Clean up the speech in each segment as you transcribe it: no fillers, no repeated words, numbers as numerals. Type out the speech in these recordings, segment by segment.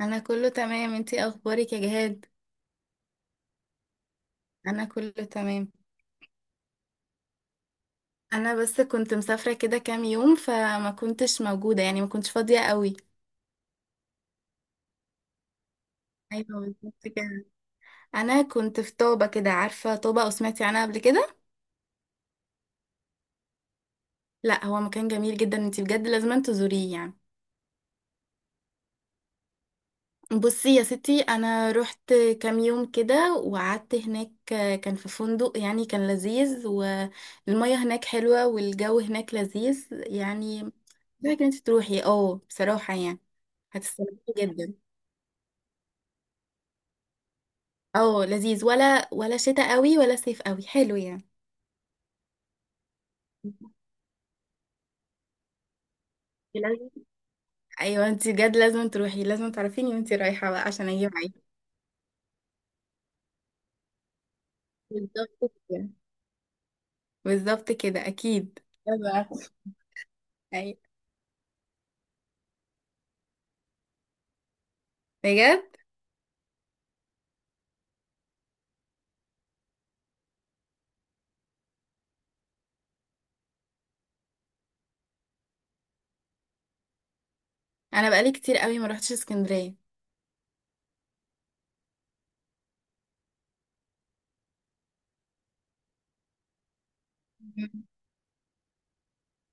انا كله تمام، انتي اخبارك يا جهاد؟ انا كله تمام. انا بس كنت مسافره كده كام يوم، فما كنتش موجوده، يعني ما كنتش فاضيه قوي. ايوه، بالظبط كده. انا كنت في طابه كده. عارفه طابه او سمعتي عنها قبل كده؟ لا، هو مكان جميل جدا، انتي بجد لازم تزوريه يعني. بصي يا ستي، انا رحت كام يوم كده وقعدت هناك. كان في فندق يعني، كان لذيذ، والمية هناك حلوة، والجو هناك لذيذ يعني. محتاجة انت تروحي، اه، بصراحة يعني. هتستمتعي جدا. اه، لذيذ، ولا شتاء قوي ولا صيف قوي، حلو يعني. لازم. ايوه، انت بجد لازم تروحي، لازم تعرفيني وانت رايحة بقى عشان اجي معاكي. بالظبط كده. بالظبط كده اكيد. أيوة. أيوة. بجد. انا بقالي كتير قوي ما روحتش اسكندرية. مم.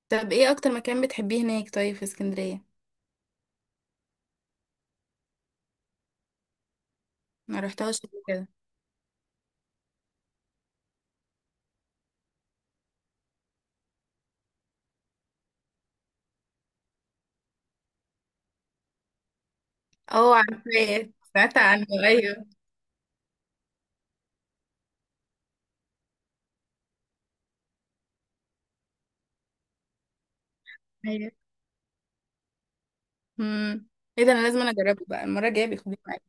طب ايه اكتر مكان بتحبيه هناك، طيب، في اسكندرية؟ ما رحتهاش قبل كده. اه، عارفاه، سمعت عنه، ايوه. ايوه. امم ايه ده، انا لازم انا اجربه بقى، المره الجايه بياخدوني معايا.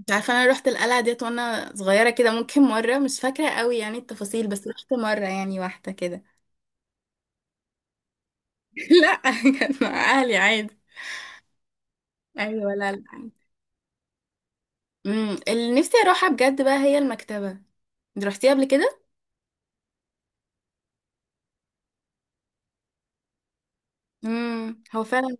انت عارفه انا رحت القلعه ديت وانا صغيره كده، ممكن مره، مش فاكره قوي يعني التفاصيل، بس رحت مره يعني، واحده كده. لا. كانت مع اهلي عادي. ايوه، لا، لا. اللي نفسي اروحها بجد بقى هي المكتبه. انت رحتيها قبل كده؟ هو فعلا.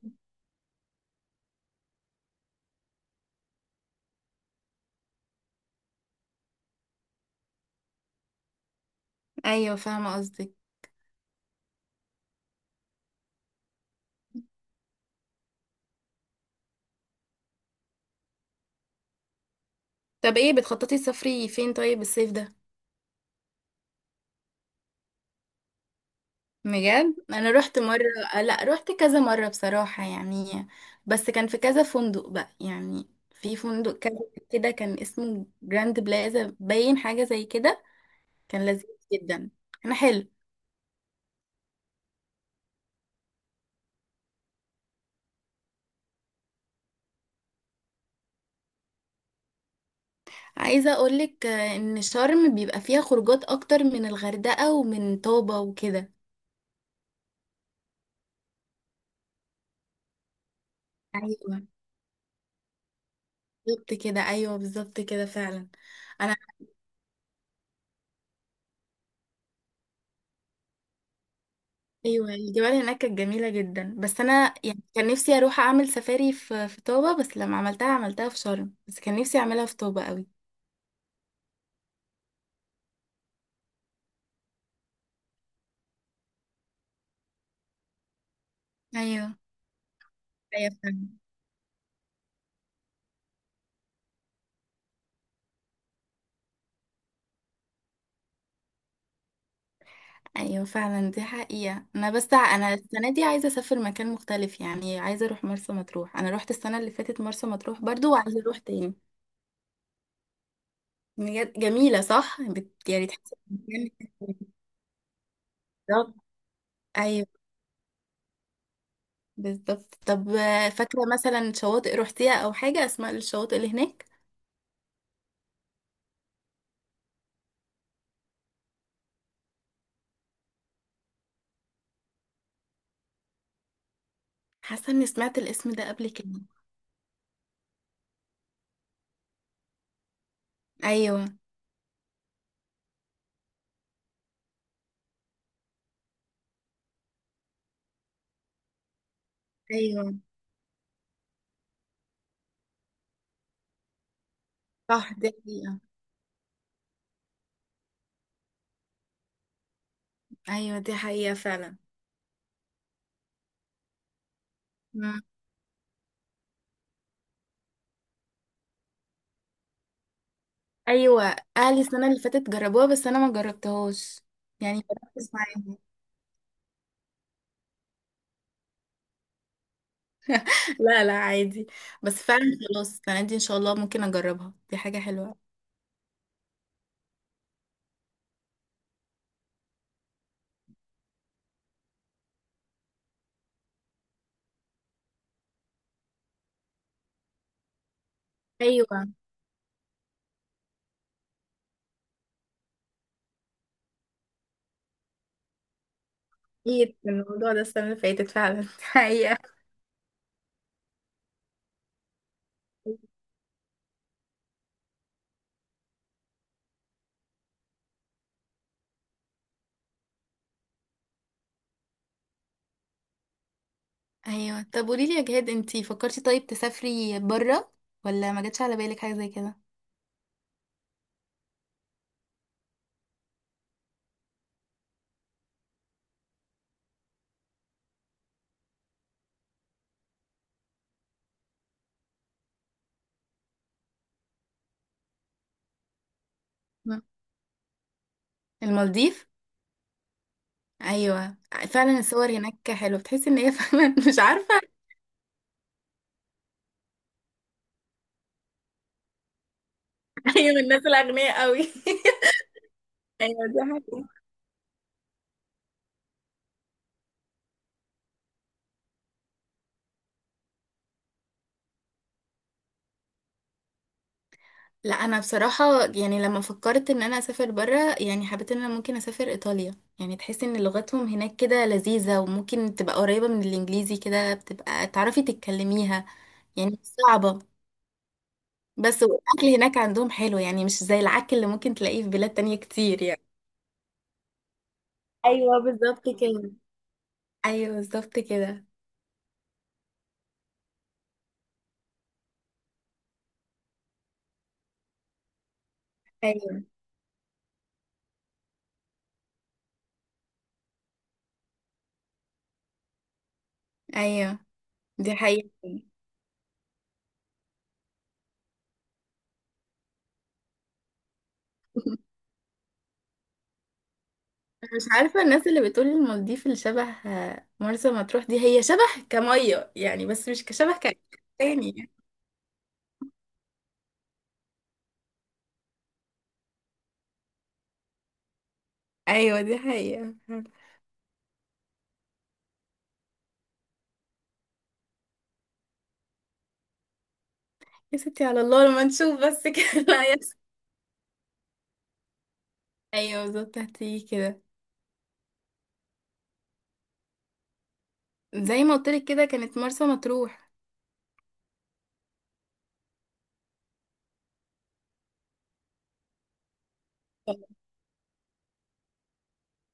ايوه، فاهمه قصدك. طب ايه، بتخططي تسافري فين طيب الصيف ده؟ بجد؟ انا رحت مره. لا، رحت كذا مره بصراحه يعني. بس كان في كذا فندق بقى، يعني في فندق كذا. كده، كان اسمه جراند بلازا، باين حاجه زي كده. كان لذيذ. جدا. انا حلو. عايزه اقولك، ان شرم بيبقى فيها خروجات اكتر من الغردقه ومن طابه وكده. ايوه، بالظبط كده. ايوه، بالظبط كده فعلا. انا. ايوه، الجبال هناك كانت جميله جدا، بس انا يعني كان نفسي اروح اعمل سفاري في طوبه، بس لما عملتها عملتها في شرم، بس كان نفسي اعملها في طوبه قوي. ايوه. ايوه فعلا. ايوه فعلا، دي حقيقه. انا السنه دي عايزه اسافر مكان مختلف، يعني عايزه اروح مرسى مطروح. انا روحت السنه اللي فاتت مرسى مطروح برضو، وعايزه اروح تاني. بجد؟ جميله، صح؟ يعني تحس المكان. بالظبط. ايوه بالظبط. طب فاكره مثلا شواطئ روحتيها او حاجه، اسماء الشواطئ اللي هناك؟ حاسه اني سمعت الاسم ده قبل كده. ايوه. ايوه، صح، دي حقيقه. ايوه، دي حقيقه فعلا. مم. ايوه، اهلي السنه اللي فاتت جربوها بس انا ما جربتهاش. يعني مركز معاهم. لا، لا، عادي. بس فعلا. خلاص، السنه دي ان شاء الله ممكن اجربها، دي حاجه حلوه. ايوه، اكيد من الموضوع ده السنه اللي فاتت فعلا. دي حقيقه. ايوه، طب قولي لي يا جهاد، انتي فكرتي طيب تسافري بره؟ ولا ما جاتش على بالك حاجه زي كده؟ مم. المالديف. ايوه. فعلا، الصور هناك حلوه، بتحس ان هي فعلا مش عارفه. هي من الناس الاغنياء قوي. ايوه، دي حقيقة. لا، انا بصراحه يعني لما فكرت ان انا اسافر بره، يعني حبيت ان انا ممكن اسافر ايطاليا، يعني تحس ان لغتهم هناك كده لذيذه، وممكن تبقى قريبه من الانجليزي كده، بتبقى تعرفي تتكلميها. يعني مش صعبه. بس والاكل هناك عندهم حلو، يعني مش زي العك اللي ممكن تلاقيه في بلاد تانية كتير يعني. ايوه، بالظبط كده. ايوه، بالظبط كده. ايوه، ايوه، دي حقيقة. مش عارفة، الناس اللي بتقول المالديف اللي شبه مرسى مطروح، دي هي شبه كمية يعني، بس مش كشبه. تاني. ايوه، دي حقيقة. يا ستي، على الله لما نشوف بس كده. لا يحصل. ايوه، بالظبط هتيجي كده. زي ما قلتلك كده، كانت مرسى مطروح.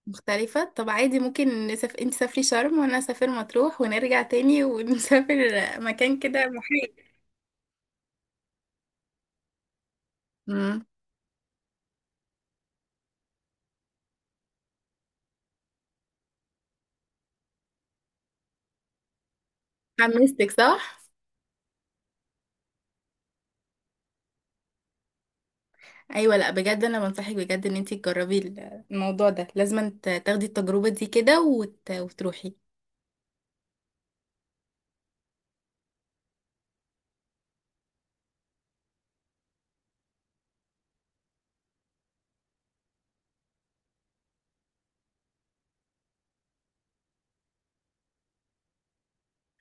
مختلفة. طب عادي ممكن نسافر، انت سافري شرم وانا اسافر مطروح، ونرجع تاني ونسافر مكان كده محايد. مم. حمستك، صح؟ ايوه، لا بجد انا بنصحك بجد ان انتي تجربي الموضوع ده، لازم تاخدي التجربه دي كده، وتروحي.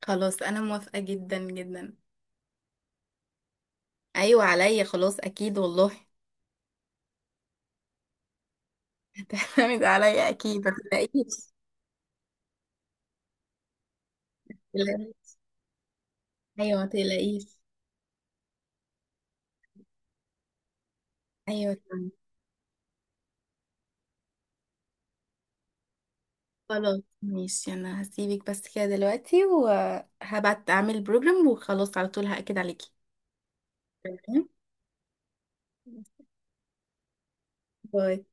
خلاص، انا موافقه جدا جدا. ايوه، عليا خلاص اكيد والله. هتعتمد عليا اكيد، ما تقلقيش. ما تقلقيش. ايوه ما تقلقيش. ايوه، تمام. خلاص، ماشي، انا هسيبك بس كده دلوقتي، وهبعت اعمل بروجرام، وخلاص على طول هاكد عليكي. تمام؟ باي.